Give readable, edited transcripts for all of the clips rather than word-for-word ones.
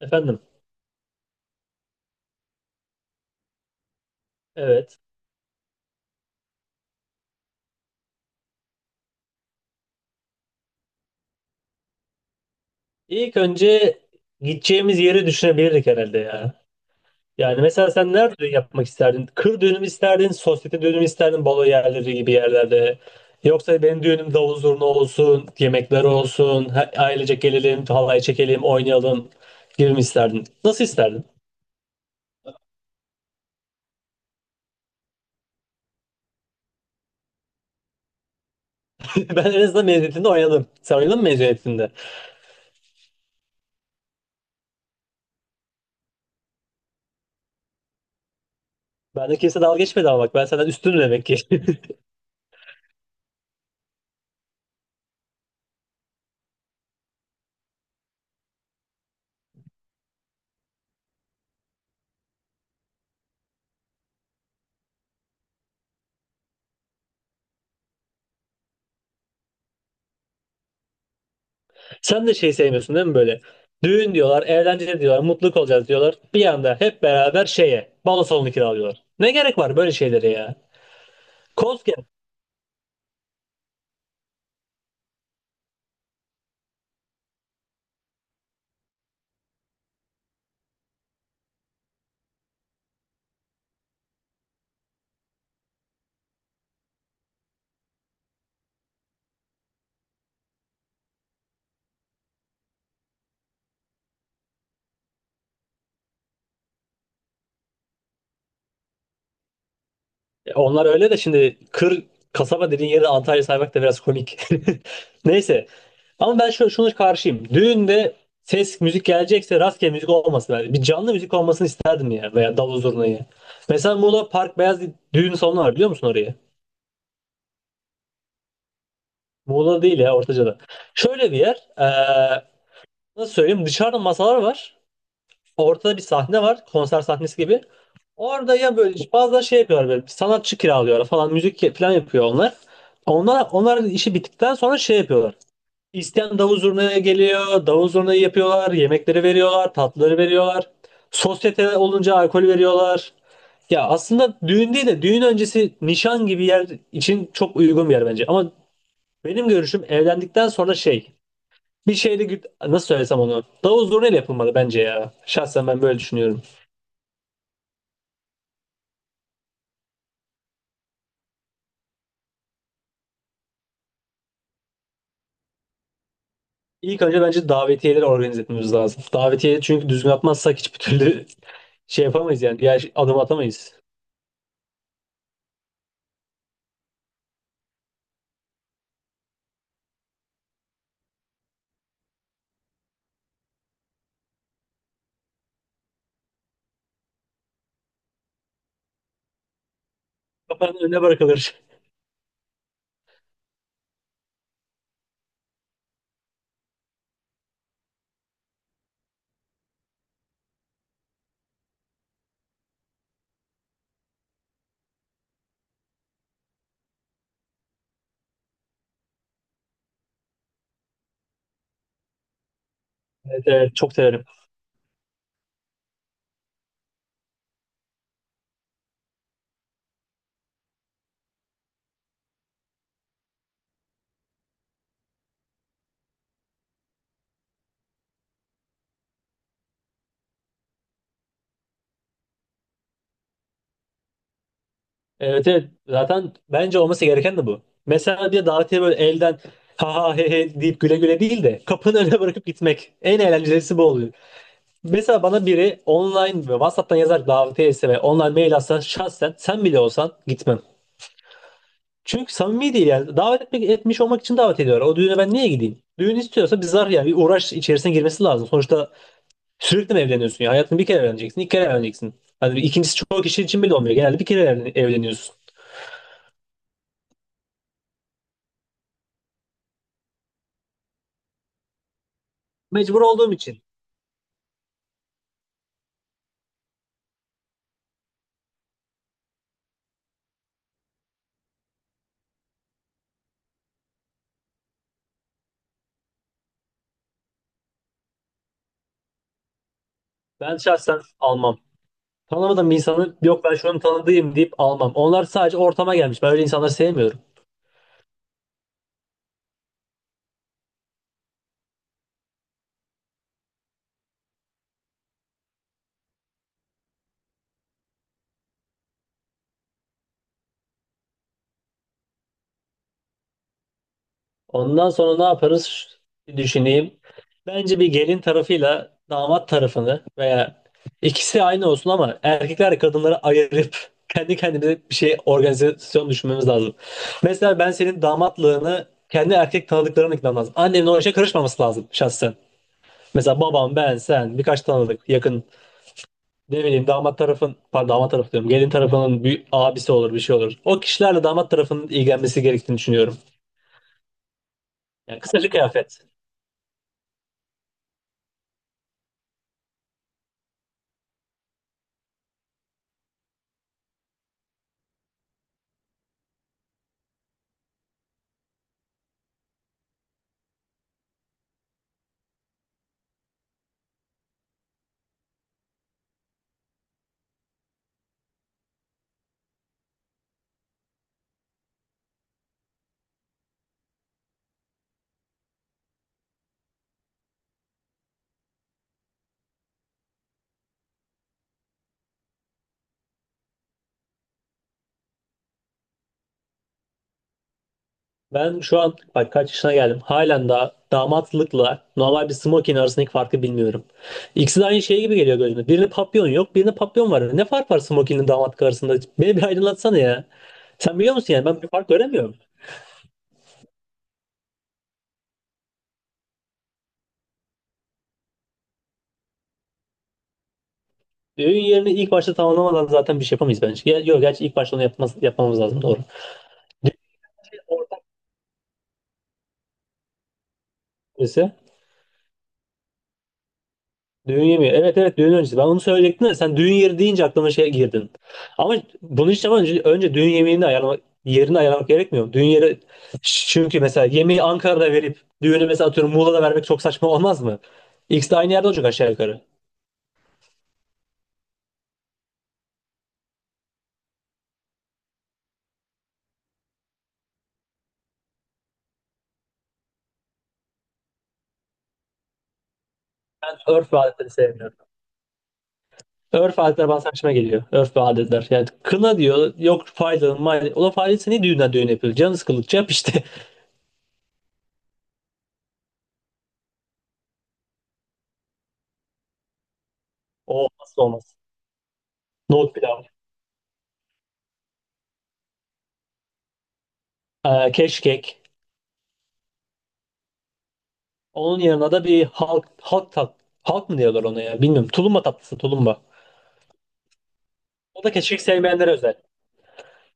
Efendim, evet. İlk önce gideceğimiz yeri düşünebilirdik herhalde ya. Yani mesela sen nerede yapmak isterdin? Kır düğünü mü isterdin, sosyete düğünü mü isterdin, balo yerleri gibi yerlerde? Yoksa benim düğünüm davul zurna olsun, yemekler olsun, ailecek gelelim, halay çekelim, oynayalım gibi mi isterdin? Nasıl isterdin? Ben en azından mezuniyetinde oynadım. Sen oynadın mı mezuniyetinde? Bende kimse dalga geçmedi ama bak ben senden üstünüm demek ki. Sen de şey sevmiyorsun değil mi böyle? Düğün diyorlar, eğlence diyorlar, mutluluk olacağız diyorlar. Bir anda hep beraber şeye, balo salonu kiralıyorlar. Ne gerek var böyle şeylere ya? Koskep. Onlar öyle de şimdi kasaba dediğin yeri Antalya saymak da biraz komik. Neyse. Ama ben şunu karşıyım. Düğünde ses, müzik gelecekse rastgele müzik olmasın. Yani bir canlı müzik olmasını isterdim ya. Veya davul zurnayı. Mesela Muğla Park Beyaz düğün salonu var, biliyor musun orayı? Muğla değil ya, Ortaca'da. Şöyle bir yer. Nasıl söyleyeyim, dışarıda masalar var. Ortada bir sahne var. Konser sahnesi gibi. Orada ya böyle bazen şey yapıyorlar, böyle sanatçı kiralıyorlar falan, müzik falan yapıyor onlar. Onlar işi bittikten sonra şey yapıyorlar. İsteyen davul zurnaya geliyor. Davul zurnayı yapıyorlar. Yemekleri veriyorlar. Tatlıları veriyorlar. Sosyete olunca alkol veriyorlar. Ya aslında düğün değil de düğün öncesi nişan gibi yer için çok uygun bir yer bence. Ama benim görüşüm, evlendikten sonra şey bir şeyle nasıl söylesem onu. Davul zurnayla yapılmalı bence ya. Şahsen ben böyle düşünüyorum. İlk önce bence davetiyeleri organize etmemiz lazım. Davetiye çünkü düzgün atmazsak hiçbir türlü şey yapamayız yani. Diğer şey, adım atamayız. Kapının önüne bırakılır. Evet, evet çok severim. Evet evet, zaten bence olması gereken de bu. Mesela diye davetiye böyle elden ha ha he he deyip güle güle değil de kapının önüne bırakıp gitmek. En eğlencelisi bu oluyor. Mesela bana biri online ve WhatsApp'tan yazar davetiye etse ve online mail atsa, şahsen sen bile olsan gitmem. Çünkü samimi değil yani. Davet etmek, etmiş olmak için davet ediyorlar. O düğüne ben niye gideyim? Düğün istiyorsa bir zar yani bir uğraş içerisine girmesi lazım. Sonuçta sürekli mi evleniyorsun ya? Hayatını bir kere evleneceksin, iki kere evleneceksin. Hani ikincisi çoğu kişi için bile olmuyor. Genelde bir kere evleniyorsun. Mecbur olduğum için ben şahsen almam. Tanımadığım bir insanı yok ben şunun tanıdığım deyip almam. Onlar sadece ortama gelmiş. Ben öyle insanları sevmiyorum. Ondan sonra ne yaparız? Bir düşüneyim. Bence bir gelin tarafıyla damat tarafını veya ikisi aynı olsun ama erkekler kadınları ayırıp kendi kendimize bir şey, organizasyon düşünmemiz lazım. Mesela ben senin damatlığını kendi erkek tanıdıklarına ikna lazım. Annemin o işe karışmaması lazım şahsen. Mesela babam, ben, sen, birkaç tanıdık, yakın, ne bileyim damat tarafın, pardon damat tarafı diyorum, gelin tarafının bir abisi olur, bir şey olur. O kişilerle damat tarafının ilgilenmesi gerektiğini düşünüyorum. Yani kısaca kıyafet. Ben şu an bak kaç yaşına geldim. Halen daha damatlıkla normal bir smoking arasındaki farkı bilmiyorum. İkisi de aynı şey gibi geliyor gözüme. Birinde papyon yok, birinde papyon var. Ne fark var smokingle damatlık arasında? Beni bir aydınlatsana ya. Sen biliyor musun, yani ben bir fark göremiyorum. Düğün yerini ilk başta tamamlamadan zaten bir şey yapamayız bence. Ya, yok gerçi ilk başta onu yapmamız lazım, doğru. Ortak birisi. Düğün yemeği. Evet evet, düğün öncesi. Ben bunu söyleyecektim de sen düğün yeri deyince aklıma şey girdin. Ama bunu hiç yapmadan önce, önce düğün yemeğini ayarlamak, yerini ayarlamak gerekmiyor mu? Düğün yeri çünkü mesela yemeği Ankara'da verip düğünü mesela atıyorum Muğla'da vermek çok saçma olmaz mı? İkisi de aynı yerde olacak aşağı yukarı. Ben örf ve adetleri sevmiyorum. Örf ve adetler bana saçma geliyor. Örf ve adetler. Yani kına diyor, yok faydalı maydalı. Ulan faydası ne düğünden, düğün yapıyor? Canı sıkıldıkça yap işte. O olmazsa olmaz. Nohut pilav. Keşkek. Onun yanına da bir halk mı diyorlar ona, ya bilmiyorum. Tulumba tatlısı, tulumba. O da keşkek sevmeyenlere özel.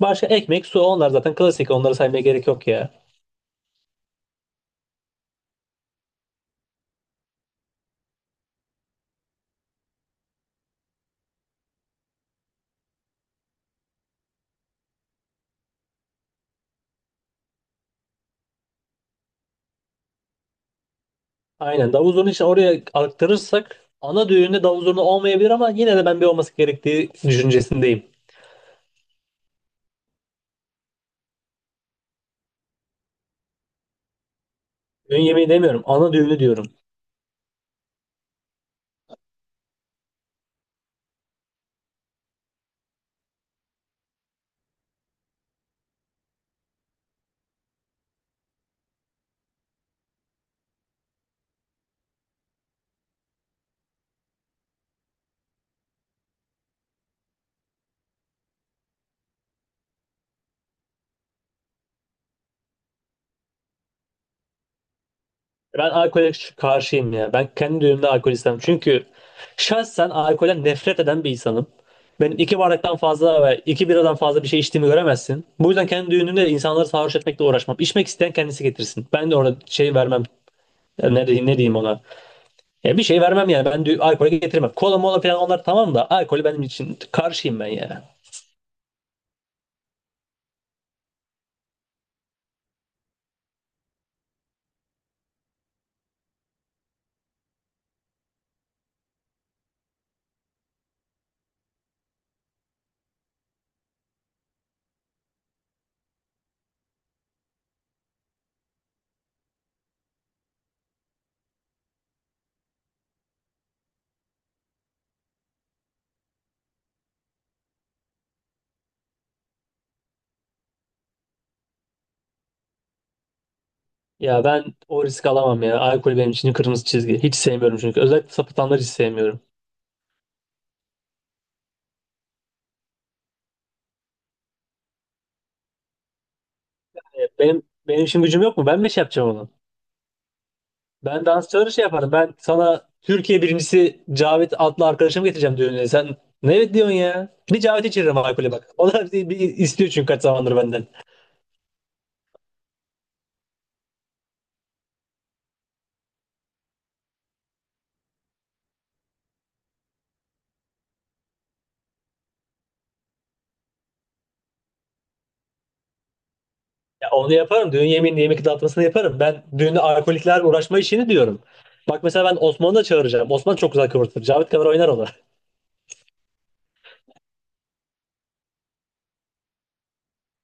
Başka ekmek, su, onlar zaten klasik. Onları saymaya gerek yok ya. Aynen. Davul zurna için oraya aktarırsak ana düğünde davul zurna olmayabilir ama yine de ben bir olması gerektiği düşüncesindeyim. Düğün yemeği demiyorum. Ana düğünü diyorum. Ben alkole karşıyım ya. Ben kendi düğümde alkol istemem. Çünkü şahsen alkolden nefret eden bir insanım. Benim iki bardaktan fazla ve iki biradan fazla bir şey içtiğimi göremezsin. Bu yüzden kendi düğünümde insanları sarhoş etmekle uğraşmam. İçmek isteyen kendisi getirsin. Ben de orada şey vermem. Ya ne diyeyim ona? Ya bir şey vermem yani. Ben alkolü getirmem. Kola mola falan onlar tamam da alkolü benim için karşıyım ben ya. Ya ben o risk alamam ya. Alkol benim için kırmızı çizgi. Hiç sevmiyorum çünkü. Özellikle sapıtanları hiç sevmiyorum. Benim benim için gücüm yok mu? Ben mi şey yapacağım onu? Ben dansçıları şey yaparım. Ben sana Türkiye birincisi Cavit adlı arkadaşımı getireceğim düğününe. Sen ne evet diyorsun ya? Bir Cavit içiririm alkolü bak. O da bir istiyor çünkü kaç zamandır benden. Ya onu yaparım. Düğün yemeğini, yemek dağıtmasını yaparım. Ben düğünde alkoliklerle uğraşma işini diyorum. Bak mesela ben Osman'ı da çağıracağım. Osman çok güzel kıvırtır. Cavit kadar oynar o da.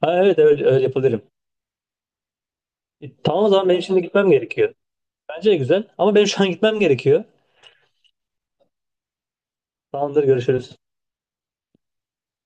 Ha, evet öyle, öyle yapabilirim. Tamam o zaman benim şimdi gitmem gerekiyor. Bence de güzel ama benim şu an gitmem gerekiyor. Tamamdır, görüşürüz.